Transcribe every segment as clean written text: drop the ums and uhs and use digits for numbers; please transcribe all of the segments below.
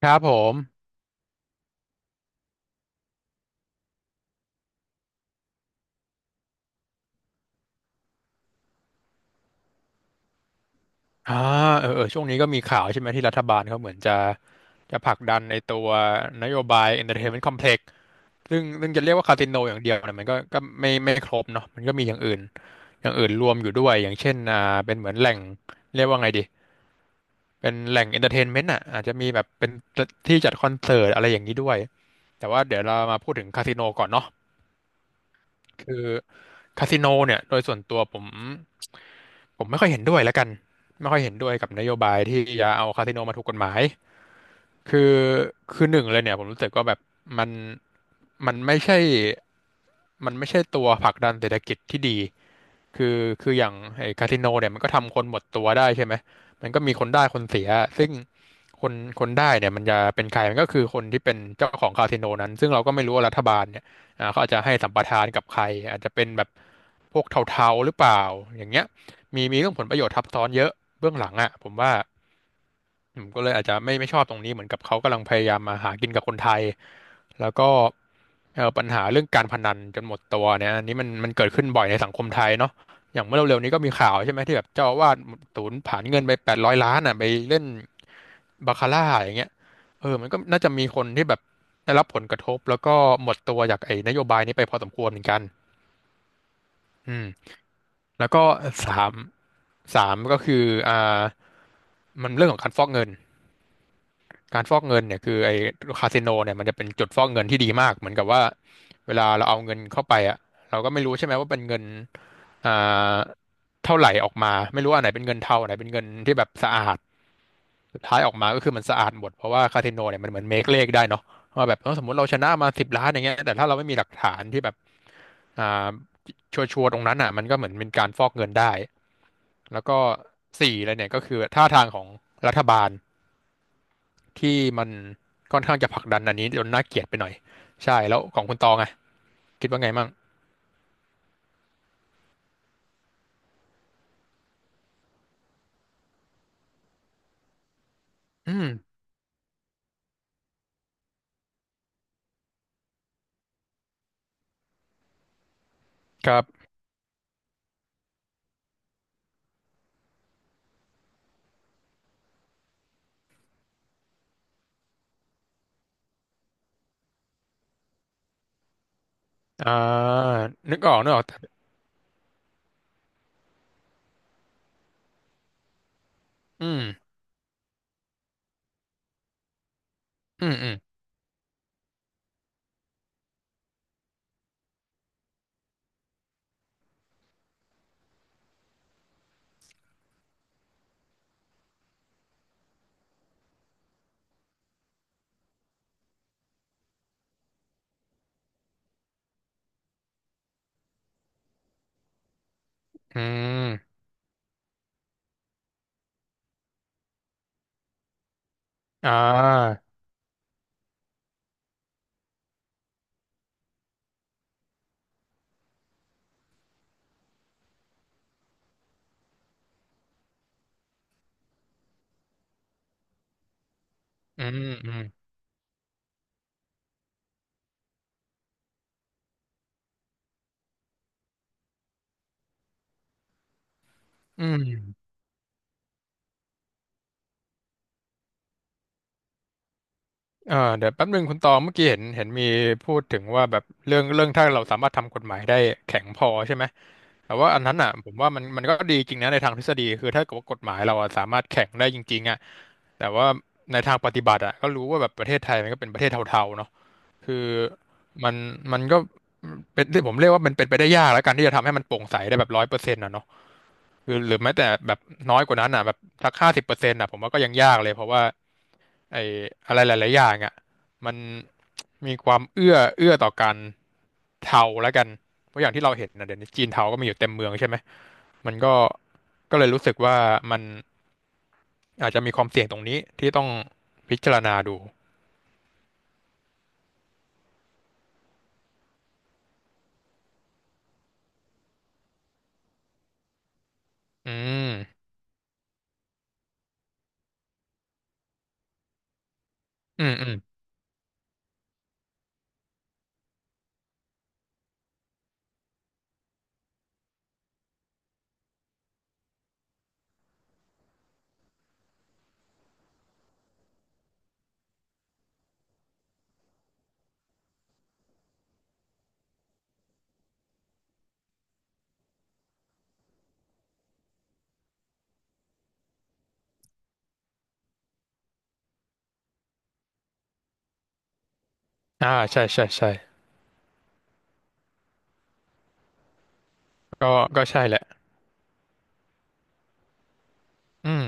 ครับผมอ่าช่วงนี้ก็มีข่าวใช่ไหมที่รัฐบาลเขาเหมือนจะผลักดันในตัวนโยบาย Entertainment Complex ซึ่งจะเรียกว่าคาสิโนอย่างเดียวเนี่ยมันก็ไม่ครบเนาะมันก็มีอย่างอื่นรวมอยู่ด้วยอย่างเช่นเป็นเหมือนแหล่งเรียกว่าไงดีเป็นแหล่ง Entertainment อ่ะอาจจะมีแบบเป็นที่จัดคอนเสิร์ตอะไรอย่างนี้ด้วย แต่ว่าเดี๋ยวเรามาพูดถึงคาสิโนก่อนเนาะคือคาสิโนเนี่ยโดยส่วนตัวผมไม่ค่อยเห็นด้วยแล้วกันไม่ค่อยเห็นด้วยกับนโยบายที่จะเอาคาสิโนมาถูกกฎหมาย คือคือหนึ่งเลยเนี่ยผมรู้สึกว่าแบบมันมันไม่ใช่มันไม่ใช่ตัวผลักดันเศรษฐกิจที่ดีคือคืออย่างไอ้คาสิโนเนี่ยมันก็ทำคนหมดตัวได้ใช่ไหมมันก็มีคนได้คนเสียซึ่งคนคนได้เนี่ยมันจะเป็นใครมันก็คือคนที่เป็นเจ้าของคาสิโนนั้นซึ่งเราก็ไม่รู้ว่ารัฐบาลเนี่ยเขาอาจจะให้สัมปทานกับใครอาจจะเป็นแบบพวกเทาๆหรือเปล่าอย่างเงี้ยมีเรื่องผลประโยชน์ทับซ้อนเยอะเบื้องหลังอ่ะผมว่า ผมก็เลยอาจจะไม่ชอบตรงนี้เหมือนกับเขากำลังพยายามมาหากินกับคนไทยแล้วก็ปัญหาเรื่องการพนันจนหมดตัวเนี่ยอันนี้มันเกิดขึ้นบ่อยในสังคมไทยเนาะอย่างเมื่อเร็วๆนี้ก็มีข่าวใช่ไหมที่แบบเจ้าอาวาสสูญผลาญเงินไป800 ล้านอ่ะไปเล่นบาคาร่าอย่างเงี้ยเออมันก็น่าจะมีคนที่แบบได้รับผลกระทบแล้วก็หมดตัวจากไอ้นโยบายนี้ไปพอสมควรเหมือนกันอืมแล้วก็สามสามก็คืออ่ามันเรื่องของการฟอกเงิน การฟอกเงินเนี่ยคือไอ้คาสิโนเนี่ยมันจะเป็นจุดฟอกเงินที่ดีมากเหมือนกับว่าเวลาเราเอาเงินเข้าไปอ่ะเราก็ไม่รู้ใช่ไหมว่าเป็นเงินอ่าเท่าไหร่ออกมาไม่รู้อันไหนเป็นเงินเทาอันไหนเป็นเงินที่แบบสะอาดสุดท้ายออกมาก็คือมันสะอาดหมดเพราะว่าคาสิโนเนี่ยมันเหมือนเมคเลขได้เนาะว่าแบบเออสมมติเราชนะมา10 ล้านอย่างเงี้ยแต่ถ้าเราไม่มีหลักฐานที่แบบอ่าชัวร์ๆตรงนั้นอ่ะมันก็เหมือนเป็นการฟอกเงินได้แล้วก็สี่เลยเนี่ยก็คือท่าทางของรัฐบาล ที่มันค่อนข้างจะผลักดันอันนี้จนน่าเกลียดไปหน่อย ใช่แล้วของคุณตองไงคิดว่าไงมั่ง อืมครับ อ่านึกออกนึกออกแต่อืมอืม อืม อืมอ่าอืมอืมอืมเออเดี๋ยวแป๊บนึงคุณตองเมื่อกี้เห็นมีพูดถึงว่าแบบเรื่องถ้าเราสามารถทำกฎหมายได้แข็งพอใช่ไหม แต่ว่าอันนั้นอ่ะผมว่ามันก็ดีจริงนะในทางทฤษฎีคือถ้าเกิดว่ากฎหมายเราอะสามารถแข็งได้จริงๆอ่ะแต่ว่าในทางปฏิบัติอ่ะก็รู้ว่าแบบประเทศไทยมันก็เป็นประเทศเทาๆเนาะ คือมันมันก็เป็นที่ผมเรียกว่ามันเป็นไปได้ยากแล้วกันที่จะทำให้มันโปร่งใสได้แบบร้อยเปอร์เซ็นต์นะเนาะคือหรือแม้แต่แบบน้อยกว่านั้นอ่ะแบบสัก50%อ่ะผมว่าก็ยังยากเลยเพราะว่าไอ้อะไรหลายๆอย่างอ่ะมันมีความเอื้อเอื้อต่อการเทาแล้วกันเพราะอย่างที่เราเห็นนะเดี๋ยวนี้จีนเทาก็มีอยู่เต็มเมืองใช่ไหมมันก็เลยรู้สึกว่ามันอาจจะมีความเสี่ยงตรงนี้ที่ต้องพิจารณาดูอืมอืมอืมอ่าใช่ใช่ใช่ก็ใช่แหละอืม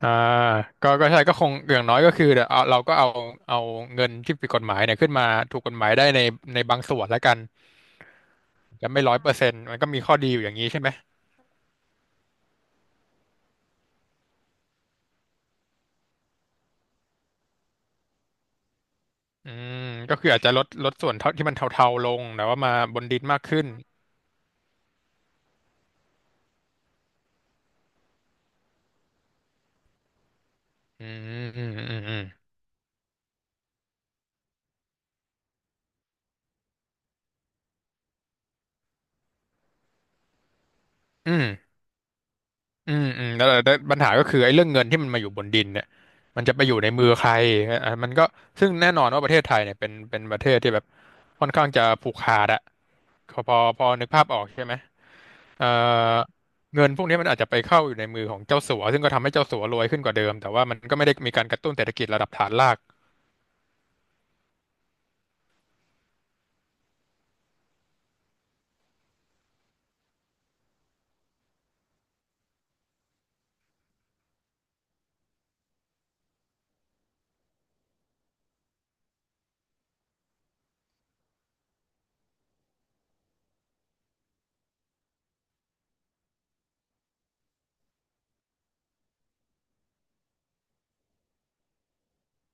อ่าก็ใช่ก็คงอย่างน้อยก็คือเดี๋ยวเอาเราก็เอาเงินที่ผิดกฎหมายเนี่ยขึ้นมาถูกกฎหมายได้ในในบางส่วนแล้วกันจะไม่ร้อยเปอร์เซ็นต์มันก็มีข้อดีอยู่อย่างนี้ใช่ไหมอืมก็คืออาจจะลดลดส่วนเท่าที่มันเทาๆลงแต่ว่ามาบนดินมากขึ้นอืมอืมอืมอืมอืมอืมอืมแล้วแล้วปัญหาก็คือไอ้เรื่องเงินที่มันมาอยู่บนดินเนี่ยมันจะไปอยู่ในมือใครอ่ะมันก็ซึ่งแน่นอนว่าประเทศไทยเนี่ยเป็นเป็นประเทศที่แบบค่อนข้างจะผูกขาดอะพอพอพอนึกภาพออกใช่ไหม เอ่อเงินพวกนี้มันอาจจะไปเข้าอยู่ในมือของเจ้าสัวซึ่งก็ทำให้เจ้าสัวรวยขึ้นกว่าเดิมแต่ว่ามันก็ไม่ได้มีการกระตุ้นเศรษฐกิจระดับฐานราก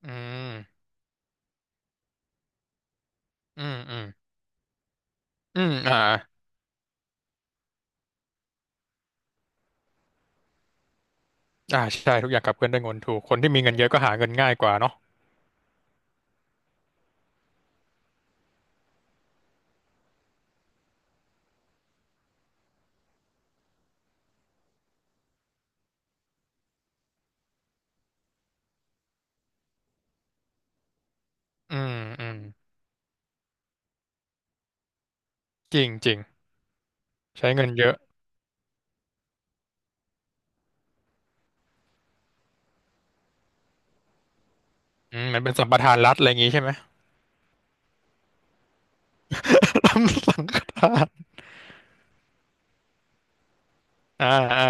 อืมอืมอืมอืมอ่าอ่าใช่ทุกอย่างขับเคลื่อนได้วยเงินถูกคนที่มีเงินเยอะก็หาเงินง่ายกว่าเนาะอืมอืมจริงจริงใช้เงินเยอะอืมมันเป็นสัมปทานรัฐอะไรอย่างงี้ใช่ไหมอ่าอ่า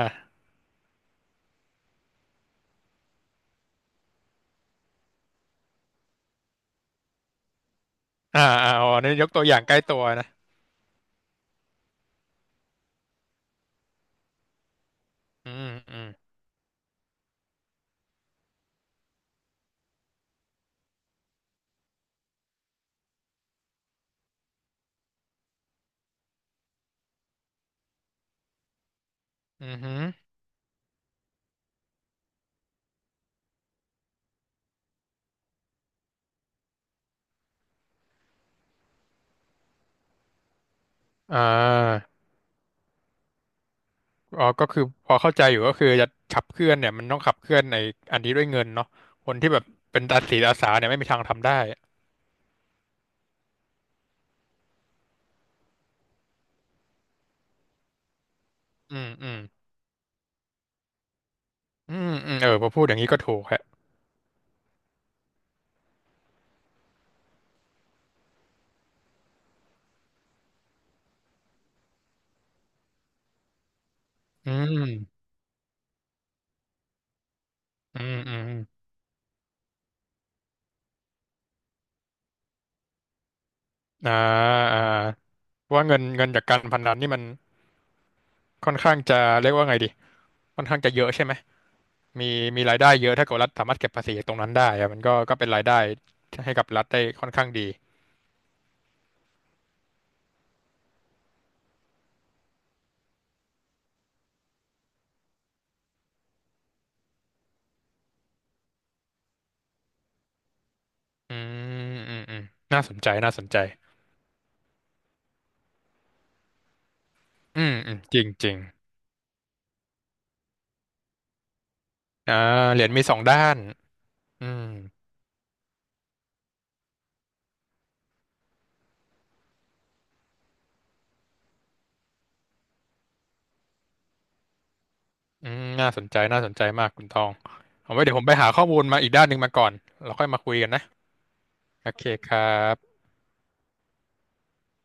อ่าอ่าอ๋อนี่ยกตัวอย่างใกล้ตัวนะอืมอืมอืมอหืออ่า อ๋อก็คือพอเข้าใจอยู่ก็คือจะขับเคลื่อนเนี่ยมันต้องขับเคลื่อนในอันนี้ด้วยเงินเนาะคนที่แบบเป็นตาสีตาสาเนี่ยไม่มีทางทำได้อืมอืมอืมอืมเออพอพูดอย่างนี้ก็ถูกฮะอืมอืมอืมอมอ่าอ่าเพราะว่าเงินเงินจากการพนันนี่มันค่อนข้างจะเรียกว่าไงดีค่อนข้างจะเยอะใช่ไหมมีมีรายได้เยอะถ้าเกิดรัฐสามารถเก็บภาษีจากตรงนั้นได้อะมันก็ก็เป็นรายได้ให้กับรัฐได้ค่อนข้างดีอืมอืมอืมน่าสนใจน่าสนใจอืมอืมจริงจริง อ่าเหรียญมีสองด้านอืมอืมน่าสนใจ น่าสนใจมากคุณตองเอาไว้เดี๋ยวผมไปหาข้อมูลมาอีกด้านหนึ่งมาก่อน เราค่อยมาคุยกันนะ โอเคครับ